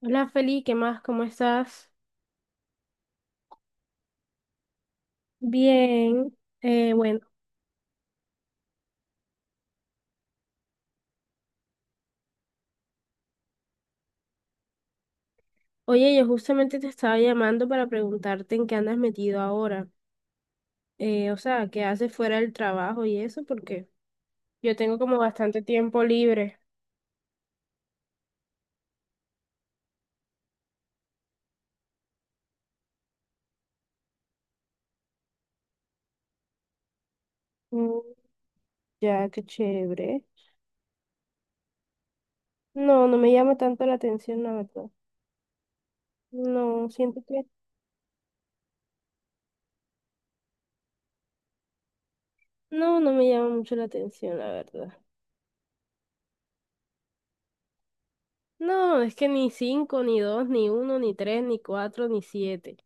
Hola Feli, ¿qué más? ¿Cómo estás? Bien. Bueno, oye, yo justamente te estaba llamando para preguntarte en qué andas metido ahora. O sea, ¿qué haces fuera del trabajo y eso? Porque yo tengo como bastante tiempo libre. Mm, ya, qué chévere. No, no me llama tanto la atención, la verdad. No, siento que no, no me llama mucho la atención, la verdad. No, es que ni cinco, ni dos, ni uno, ni tres, ni cuatro, ni siete.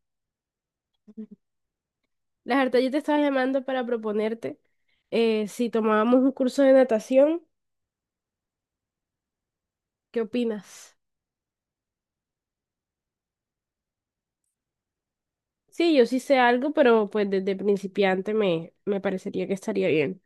La verdad, yo te estaba llamando para proponerte si tomábamos un curso de natación, ¿qué opinas? Sí, yo sí sé algo, pero pues desde principiante me parecería que estaría bien.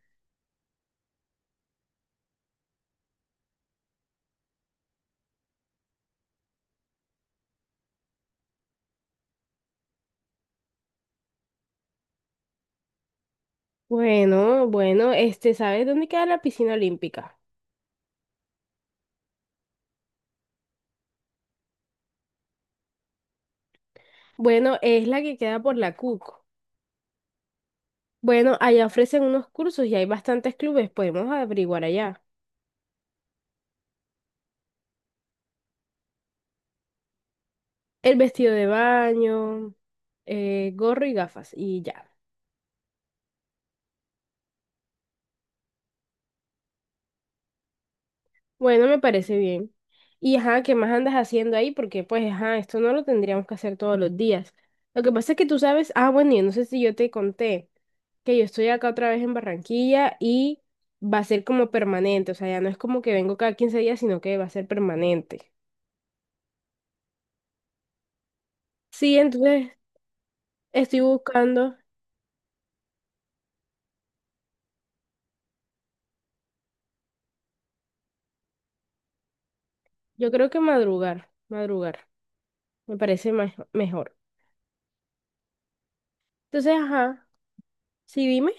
Bueno, bueno, este, ¿sabes dónde queda la piscina olímpica? Bueno, es la que queda por la CUC. Bueno, allá ofrecen unos cursos y hay bastantes clubes, podemos averiguar allá. El vestido de baño, gorro y gafas y ya. Bueno, me parece bien. Y ajá, ¿qué más andas haciendo ahí? Porque pues ajá, esto no lo tendríamos que hacer todos los días. Lo que pasa es que tú sabes, ah, bueno, yo no sé si yo te conté que yo estoy acá otra vez en Barranquilla y va a ser como permanente, o sea, ya no es como que vengo cada 15 días, sino que va a ser permanente. Sí, entonces estoy buscando, yo creo que madrugar, madrugar, me parece mejor. Entonces, ajá, sí, dime.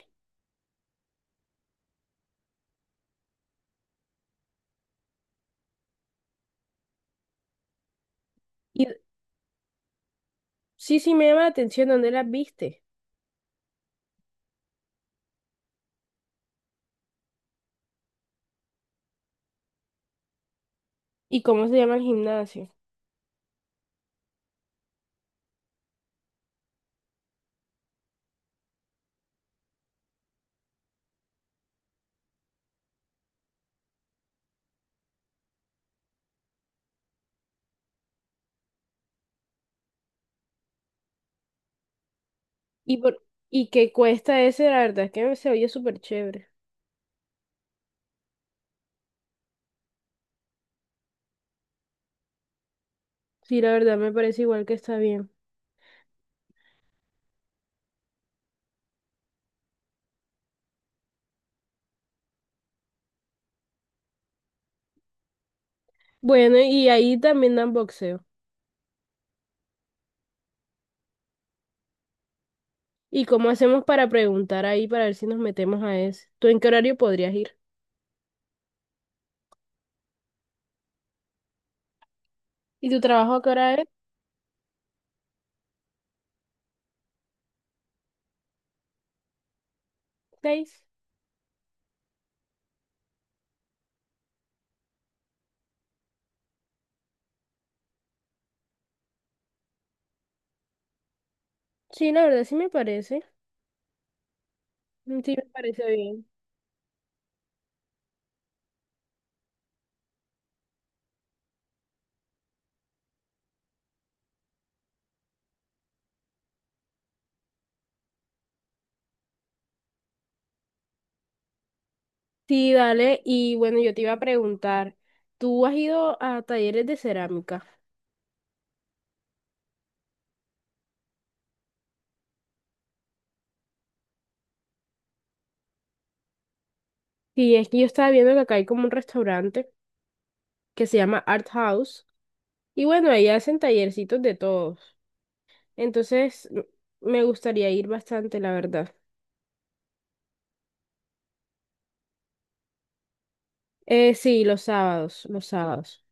Sí, sí, me llama la atención dónde las viste y cómo se llama el gimnasio. Y por y qué cuesta ese, la verdad es que se oye súper chévere. Sí, la verdad me parece igual que está bien. Bueno, y ahí también dan boxeo. ¿Y cómo hacemos para preguntar ahí para ver si nos metemos a ese? ¿Tú en qué horario podrías ir? ¿Y tu trabajo a qué hora es? ¿Seis? Sí, la verdad sí me parece. Mm, sí, me parece bien. Sí, dale. Y bueno, yo te iba a preguntar, ¿tú has ido a talleres de cerámica? Sí, es que yo estaba viendo que acá hay como un restaurante que se llama Art House. Y bueno, ahí hacen tallercitos de todos. Entonces, me gustaría ir bastante, la verdad. Sí, los sábados, los sábados.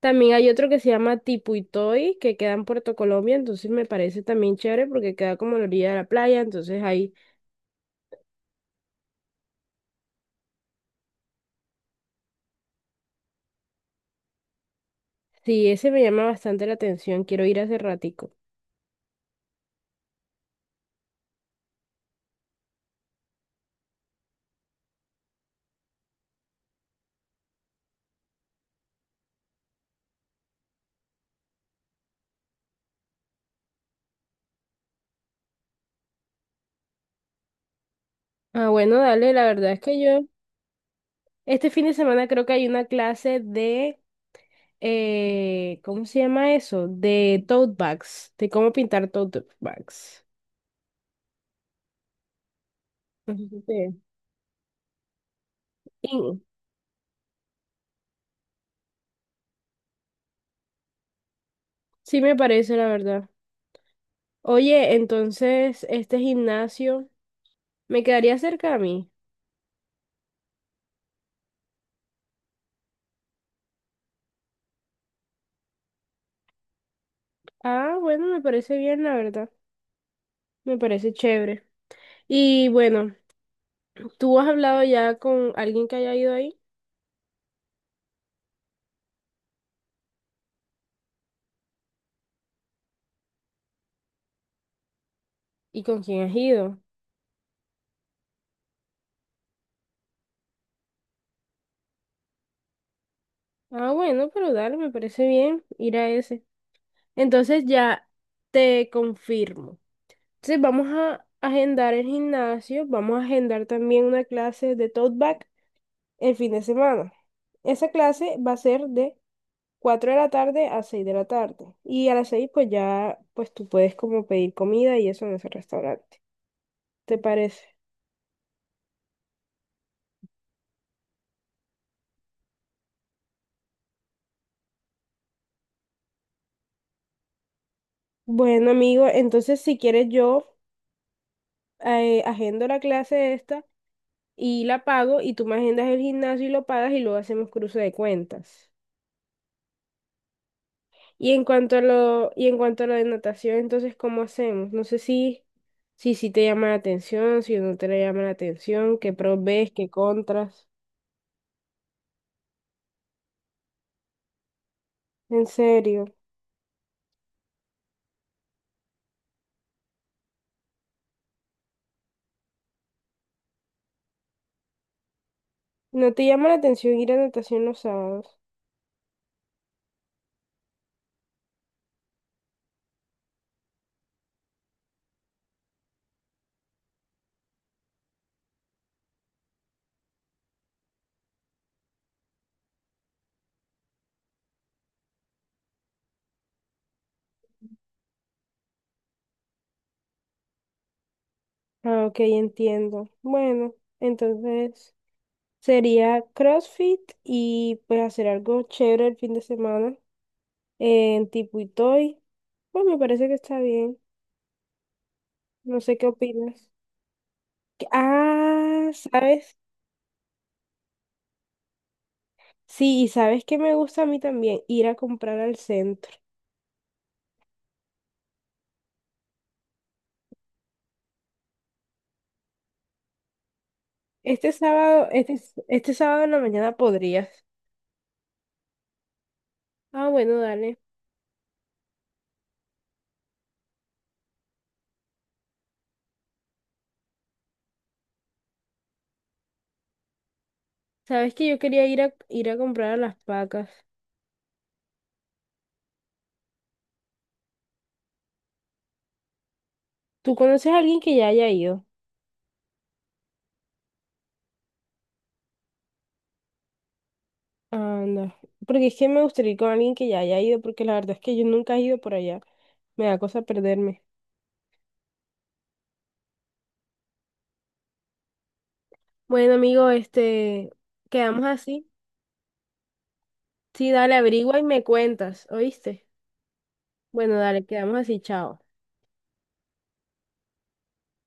También hay otro que se llama Tipuitoy, que queda en Puerto Colombia, entonces me parece también chévere porque queda como a la orilla de la playa, entonces ahí, sí, ese me llama bastante la atención, quiero ir hace ratico. Ah, bueno, dale, la verdad es que yo, este fin de semana creo que hay una clase de ¿cómo se llama eso? De tote bags, de cómo pintar tote bags. Ujú. Sí. Sí, sí me parece, la verdad. Oye, entonces, este gimnasio me quedaría cerca a mí. Ah, bueno, me parece bien, la verdad. Me parece chévere. Y bueno, ¿tú has hablado ya con alguien que haya ido ahí? ¿Y con quién has ido? Ah, bueno, pero dale, me parece bien ir a ese. Entonces ya te confirmo. Entonces vamos a agendar el gimnasio, vamos a agendar también una clase de tote bag el fin de semana. Esa clase va a ser de 4 de la tarde a 6 de la tarde. Y a las 6 pues ya pues tú puedes como pedir comida y eso en ese restaurante. ¿Te parece? Bueno, amigo, entonces si quieres yo agendo la clase esta y la pago y tú me agendas el gimnasio y lo pagas y luego hacemos cruce de cuentas. Y en cuanto a lo, y en cuanto a la de natación, entonces, ¿cómo hacemos? No sé si te llama la atención, si no te llama la atención, qué pros ves, qué contras. En serio, ¿no te llama la atención ir a natación los sábados? Ah, ok, entiendo. Bueno, entonces sería CrossFit y pues hacer algo chévere el fin de semana en tipo Itoy. Pues me parece que está bien. No sé qué opinas. Que- Ah, ¿sabes? Sí, y sabes que me gusta a mí también ir a comprar al centro. Este sábado, este sábado en la mañana podrías. Ah, bueno, dale. Sabes que yo quería ir a comprar a las pacas. ¿Tú conoces a alguien que ya haya ido? Anda. Porque es que me gustaría ir con alguien que ya haya ido, porque la verdad es que yo nunca he ido por allá. Me da cosa perderme. Bueno, amigo, este, quedamos así. Sí, dale, averigua y me cuentas, ¿oíste? Bueno, dale, quedamos así, chao.